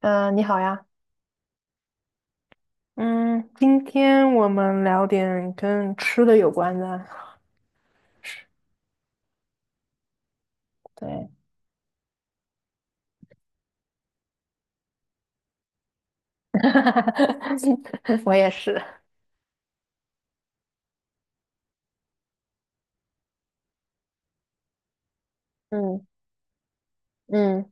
嗯，你好呀。嗯，今天我们聊点跟吃的有关的。对，我也是。嗯嗯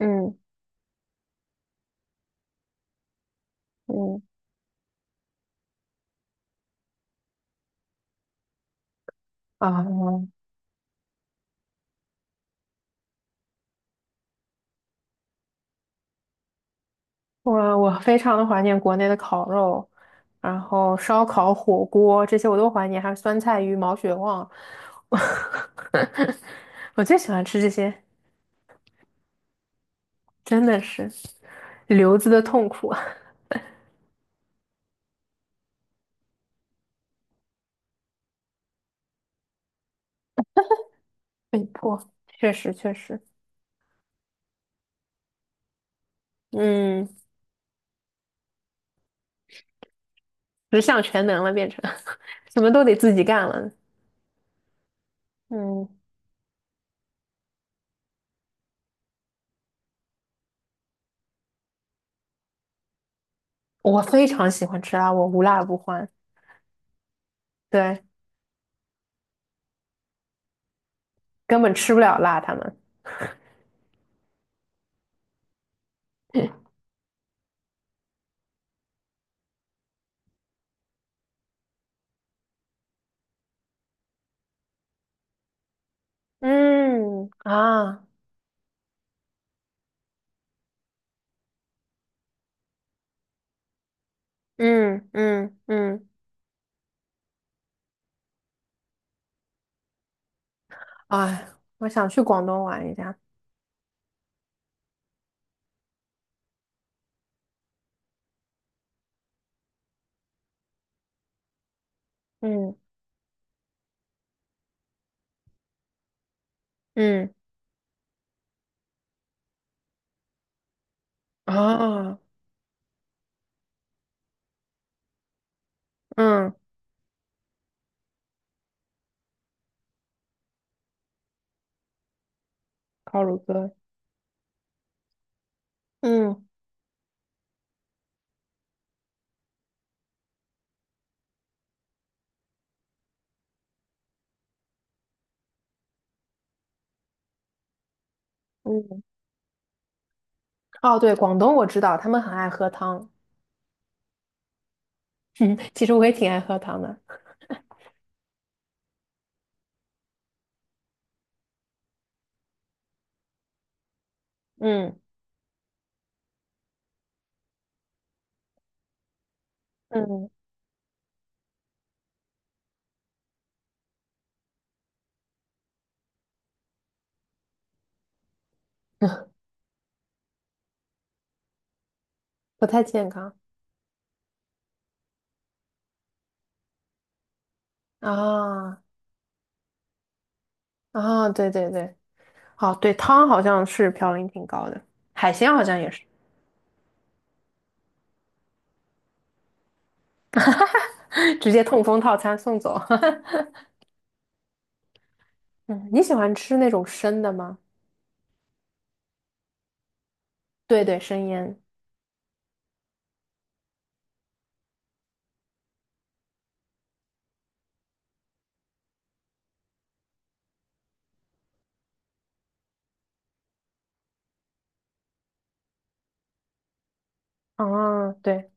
嗯嗯啊，我非常的怀念国内的烤肉，然后烧烤、火锅这些我都怀念，还有酸菜鱼、毛血旺。我最喜欢吃这些，真的是留子的痛苦啊。被迫，确实确实，嗯。十项全能了，变成 什么都得自己干了。嗯，我非常喜欢吃辣，我无辣不欢。对，根本吃不了辣，他们。嗯啊，嗯嗯嗯。哎，我想去广东玩一下。嗯嗯啊嗯，烤乳鸽。嗯嗯，哦，对，广东我知道，他们很爱喝汤。嗯，其实我也挺爱喝汤的。嗯嗯。不太健康。啊啊，对对对。哦，对，汤好像是嘌呤挺高的，海鲜好像也是。直接痛风套餐送走。嗯，你喜欢吃那种生的吗？对对，生腌。啊，对。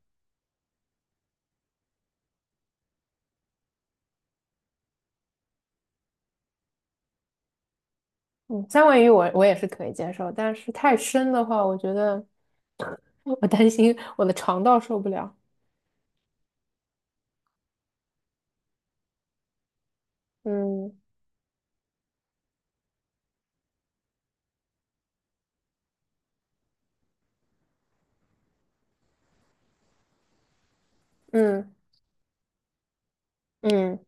嗯，三文鱼我也是可以接受，但是太生的话，我觉得我担心我的肠道受不了。嗯嗯嗯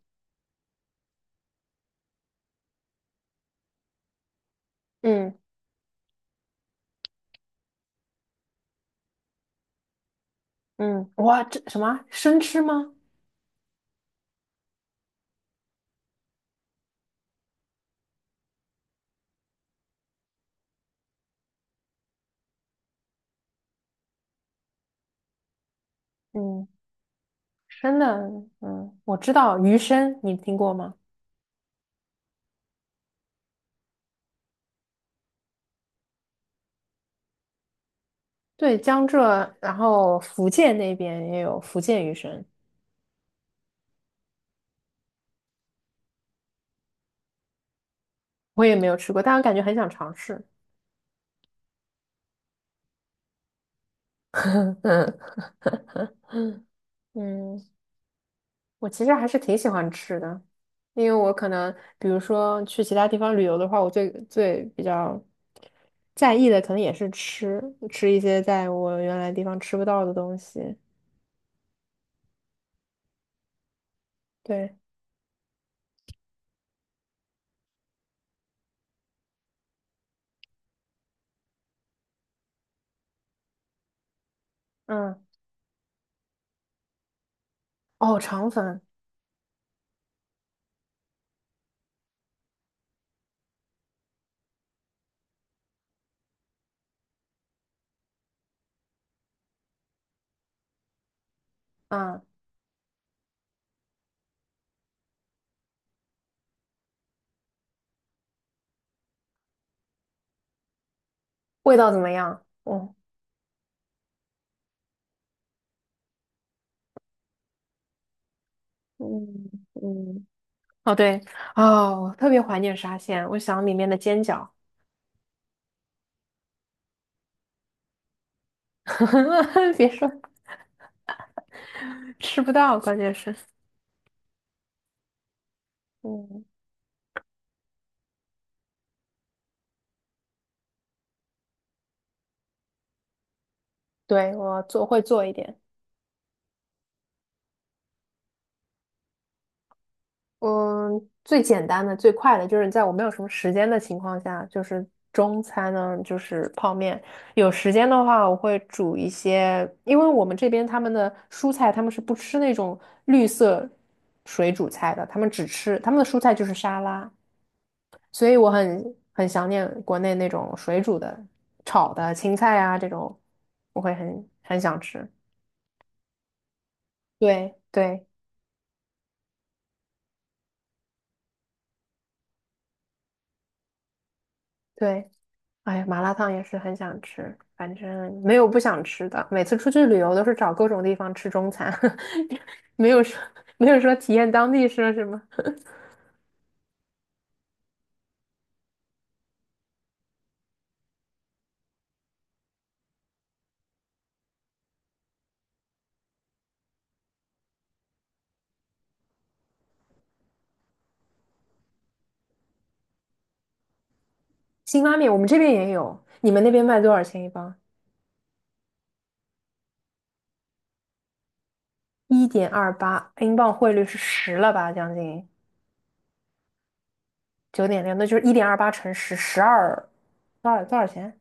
嗯嗯，哇，这什么生吃吗？嗯，生的。嗯，我知道鱼生，你听过吗？对，江浙，然后福建那边也有福建鱼生。我也没有吃过，但我感觉很想尝试。嗯嗯，我其实还是挺喜欢吃的，因为我可能比如说去其他地方旅游的话，我最最比较在意的可能也是吃，吃一些在我原来地方吃不到的东西。对。嗯。哦，肠粉。嗯，味道怎么样？哦。嗯嗯。哦对。哦，我特别怀念沙县，我想里面的煎饺。别说吃不到，关键是，嗯。对，我做会做一点。嗯，最简单的、最快的就是在我没有什么时间的情况下，就是中餐呢，就是泡面。有时间的话，我会煮一些，因为我们这边他们的蔬菜，他们是不吃那种绿色水煮菜的，他们只吃他们的蔬菜就是沙拉，所以我很想念国内那种水煮的、炒的青菜啊这种，我会很想吃。对对。对，哎呀，麻辣烫也是很想吃，反正没有不想吃的。每次出去旅游都是找各种地方吃中餐。没有说没有说体验当地说什么。辛拉面我们这边也有，你们那边卖多少钱一磅？一点二八，英镑汇率是十了吧？将近9.6，那就是一点二八乘十，12，多少钱？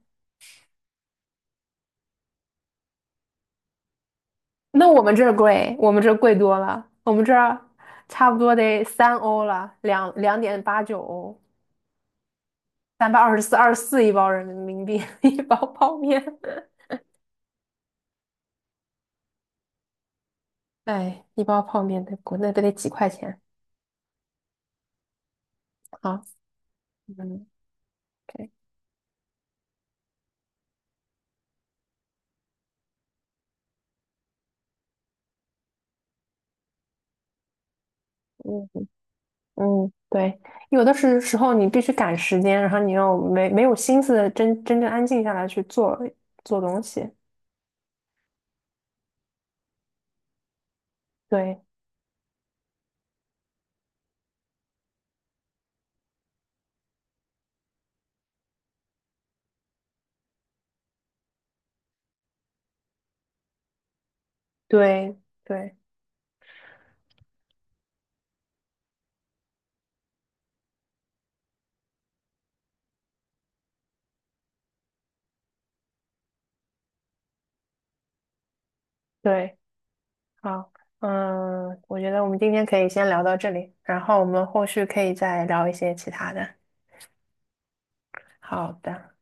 那我们这儿贵，我们这儿贵多了，我们这儿差不多得3欧了，两点八九欧。324，二十四一包人民币，一包泡面。哎，一包泡面在国内都得几块钱。啊。嗯，对。嗯嗯，对，有的时候你必须赶时间，然后你又没有心思真正安静下来去做东西。对对对对，好，嗯，我觉得我们今天可以先聊到这里，然后我们后续可以再聊一些其他的。好的。